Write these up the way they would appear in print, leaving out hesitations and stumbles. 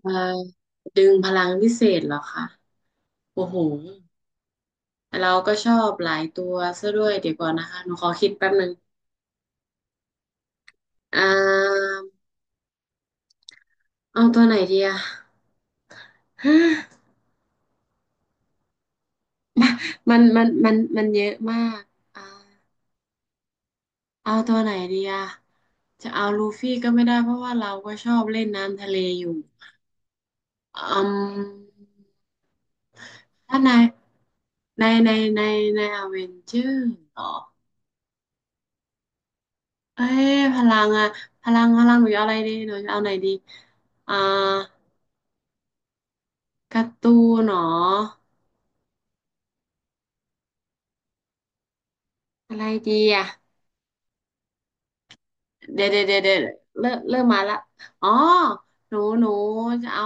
เอ่อดึงพลังวิเศษเหรอคะโอ้โหเราก็ชอบหลายตัวซะด้วยเดี๋ยวก่อนนะคะหนูขอคิดแป๊บนึงอ่าเอาตัวไหนดีอะ มันเยอะมากอ่าเอาตัวไหนดีอะจะเอาลูฟี่ก็ไม่ได้เพราะว่าเราก็ชอบเล่นน้ำทะเลอยู่อืมถ้าในในในในอเวนเจอร์หรอเอ้ยพลังอะพลังหนูจะเอาไหนดีอ่า การ์ตูนเนาะอะไรดีอ่ะเดี๋ยวเริ่มมาละอ๋อหนูจะเอา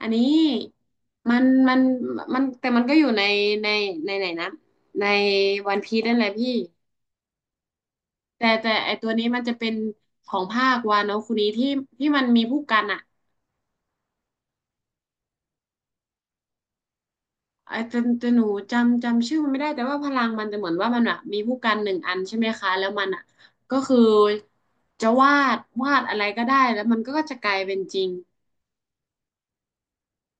อันนี้มันมันมันแต่มันก็อยู่ในในไหนนะในวันพีซนั่นแหละพี่แต่ไอตัวนี้มันจะเป็นของภาควาโนะคุนี้ที่มันมีผู้กันอะ ไอ้แต่หนูจำชื่อมันไม่ได้แต่ว่าพลังมันจะเหมือนว่ามันอะมีผู้กันหนึ่งอันใช่ไหมคะแล้วมันอะก็คือจะวาดอะไรก็ได้แล้วมันก็จะกลายเป็นจริง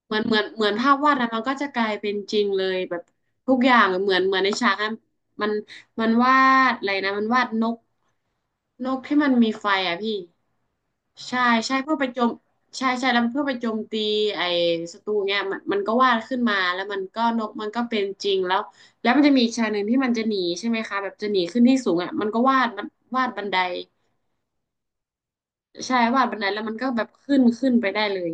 เหมือนภาพวาดนะมันก็จะกลายเป็นจริงเลยแบบทุกอย่างเหมือนในฉากนั้นมันมันวาดอะไรนะมันวาดนกที่มันมีไฟอะพี่ ใช่ใช่เพื่อไปโจมใช่ใช่แล้วเพื่อไปโจมตีไอ้ศัตรูเนี่ยมันก็วาดขึ้นมาแล้วมันก็นกมันก็เป็นจริงแล้วแล้วมันจะมีฉากหนึ่งที่มันจะหนีใช่ไหมคะแบบจะหนีขึ้นที่สูงอ่ะมันก็วาดบันไดใช่วาดบันไดแล้วมันก็แบบขึ้นไปได้เลย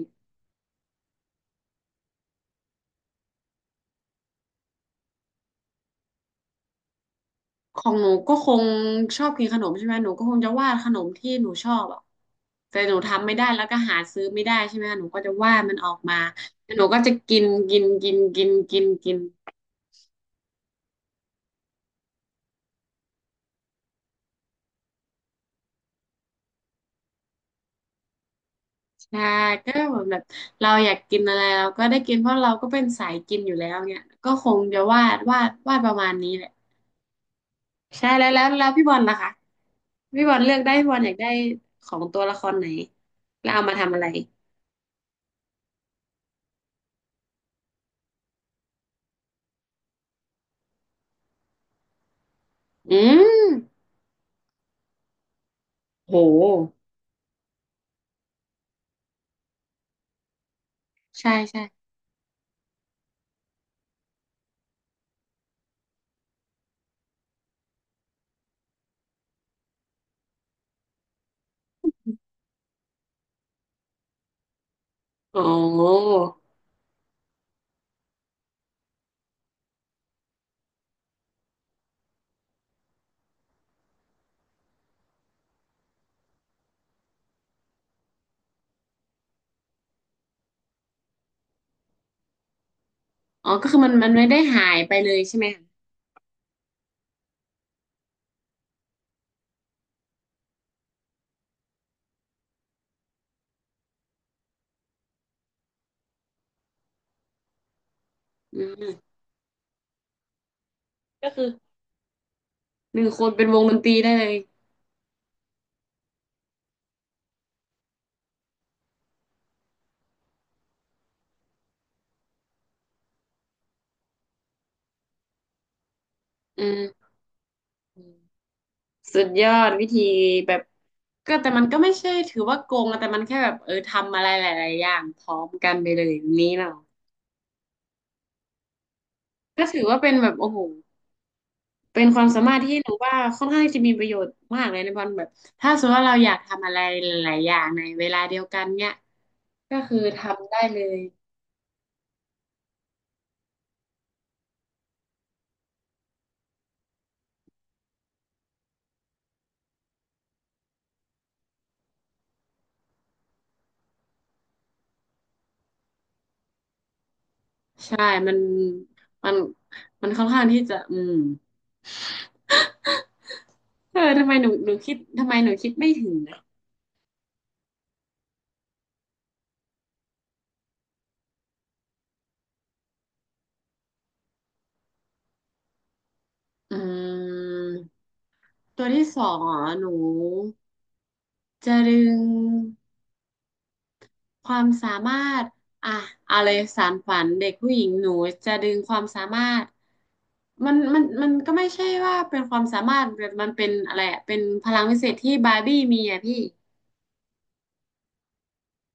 ของหนูก็คงชอบกินขนมใช่ไหมหนูก็คงจะวาดขนมที่หนูชอบอ่ะแต่หนูทำไม่ได้แล้วก็หาซื้อไม่ได้ใช่ไหมหนูก็จะวาดมันออกมาแล้วหนูก็จะกินกินกินกินกินกิน ใช่ก็แบบเราอยากกินอะไรเราก็ได้กินเพราะเราก็เป็นสายกินอยู่แล้วเนี่ยก็คงจะวาดประมาณนี้แหละใช่แล้วพี่บอลล่ะคะพี่บอลเลือกได้พี่บอลอยากได้ของตัวละครไหนแล้วเอามาทำอะไรอืมโหใช่ใช่อ๋ออ๋อก็คือมันไม่ได้หายไปเลยใช่ไหมคะอืมก็คือหนึ่งคนเป็นวงดนตรีได้เลยอืม สุดยอดวิธีแบบก็แต่มันก็ไม่ใช่ถือว่าโกงนะแต่มันแค่แบบเออทำอะไรหลายๆอย่างพร้อมกันไปเลยอย่างนี้เนาะก็ถือว่าเป็นแบบโอ้โหเป็นความสามารถที่หนูว่าค่อนข้างที่จะมีประโยชน์มากเลยในวันแบบถ้าสมมติว่าเราอยากทำอะไรหลายๆอย่างในเวลาเดียวกันเนี่ยก็คือทำได้เลยใช่มันมันมันค่อนข้างที่จะอืมเออทำไมหนูหนูคิดทำไมหนูคิดไม่ถึงนะอืมตัวที่สองอ๋อหนู จะดึงความสามารถอ่ะอะไรสานฝันเด็กผู้หญิงหนูจะดึงความสามารถมันก็ไม่ใช่ว่าเป็นความสามารถแบบมันเป็นอะไรอะเป็นพลังวิเศษที่บาร์บี้มีอ่ะพี่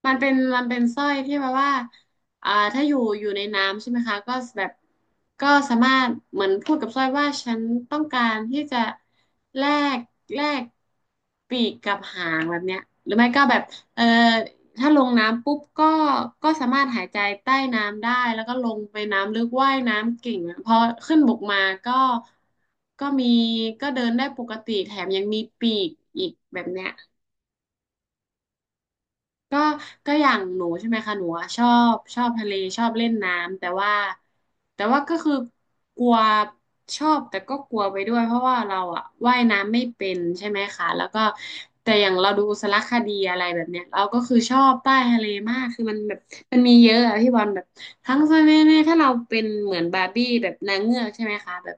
มันเป็นสร้อยที่แบบว่าถ้าอยู่ในน้ำใช่ไหมคะก็แบบก็สามารถเหมือนพูดกับสร้อยว่าฉันต้องการที่จะแลกแลกปีกกับหางแบบเนี้ยหรือไม่ก็แบบเออถ้าลงน้ำปุ๊บก็ก็สามารถหายใจใต้น้ำได้ แล้วก็ลงไปน้ำลึกว่ายน้ำเก่งอะพอขึ้นบกมาก็ก็มีก็เดินได้ปกติแถมยังมีปีกอีกแบบเนี้ย ก็ก็อย่างหนูใช่ไหมคะหนูอะชอบทะเลชอบเล่นน้ำแต่ว่าก็คือกลัวชอบแต่ก็กลัวไปด้วยเพราะว่าเราอะว่ายน้ำไม่เป็นใช่ไหมคะแล้วก็แต่อย่างเราดูสารคดีอะไรแบบเนี้ยเราก็คือชอบใต้ทะเลมากคือมันแบบมันมีเยอะอะพี่บอลแบบทั้งสมัยเนี่ยถ้าเราเป็นเหมือนบาร์บี้แบบนางเงือกใช่ไหมคะแบบ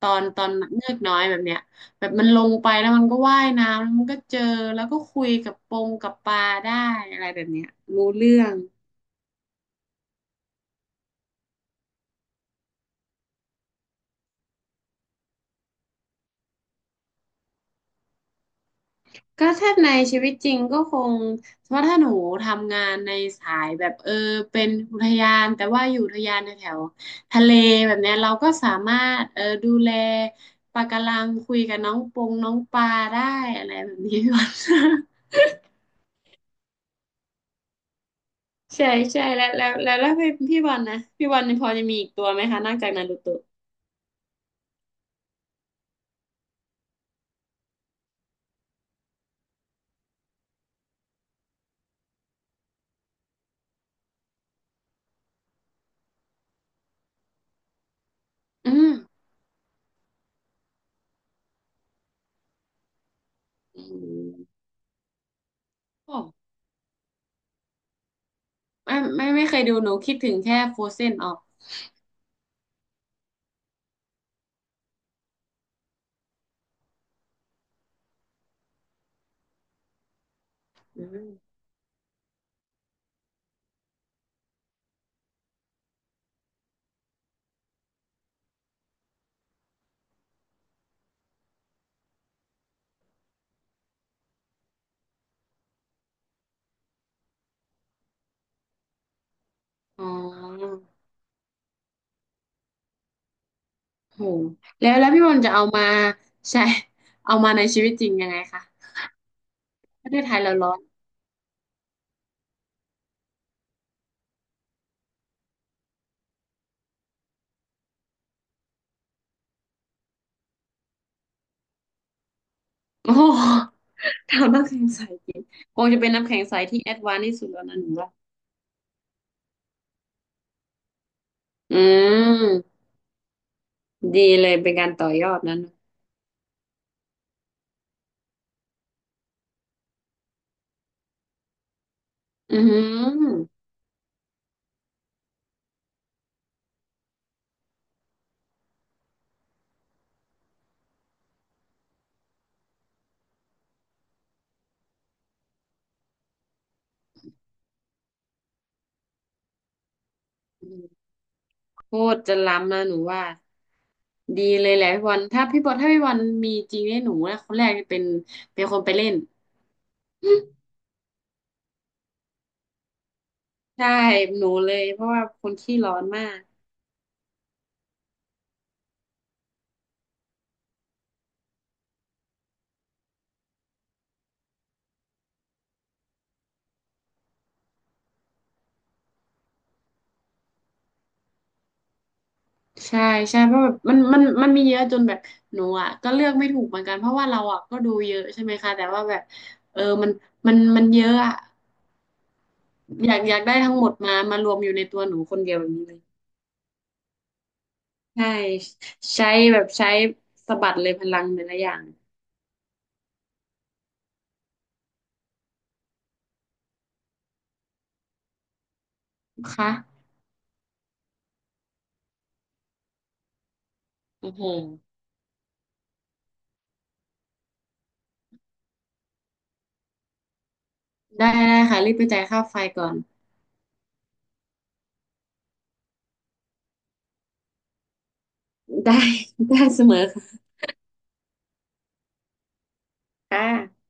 ตอนเงือกน้อยแบบเนี้ย แบบมันลงไปแล้วมันก็ว่ายน้ำแล้วมันก็เจอแล้วก็คุยกับปงกับปลาได้อะไรแบบเนี้ยรู้เรื่องก็ถ้าในชีวิตจริงก็คงเพราะถ้าหนูทำงานในสายแบบเออเป็นอุทยานแต่ว่าอยู่อุทยานแถวๆทะเลแบบเนี้ยเราก็สามารถเออดูแลปะการังคุยกับน้องปงน้องปลาได้อะไรแบบนี้ พี่บอล ใช่ใช่แล้วพี่บอลนะพี่บอลพอจะมีอีกตัวไหมคะนอกจากนารูโตะอืมอืม ไม่เคยดูหนูคิดถึงแค่โฟเซนออกอืมอ๋อโหแล้วพี่บอลจะเอามาใช้เอามาในชีวิตจริงยังไงคะประเทศไทยเราร้อน โอ้โหทำน้ำแข็งใสกินคงจะเป็นน้ำแข็งใสที่แอดวานซ์ที่สุดแล้วนะหนูว่าอืมดีเลยเป็นการต่อยอดนั้นอือหือโคตรจะล้ำนะหนูว่าดีเลยแหละพี่บอลถ้าพี่บอลมีจริงเนี่ยหนูนะคนแรกจะเป็นคนไปเล่น ใช่หนูเลยเพราะว่าคนขี้ร้อนมากใช่ใช่เพราะแบบมันมีเยอะจนแบบหนูอ่ะก็เลือกไม่ถูกเหมือนกันเพราะว่าเราอ่ะก็ดูเยอะใช่ไหมคะแต่ว่าแบบเออมันเยอะอ่ะอยากได้ทั้งหมดมารวมอยู่ในตัวหนูคนเดียวแบบนี้เลยใช่ใช้แบบใช้สะบัดเลยพลังแต่ละอย่างค่ะโอ้โหได้ค่ะรีบไปจ่ายค่าไฟก่อนได้ได้เสมอค่ะ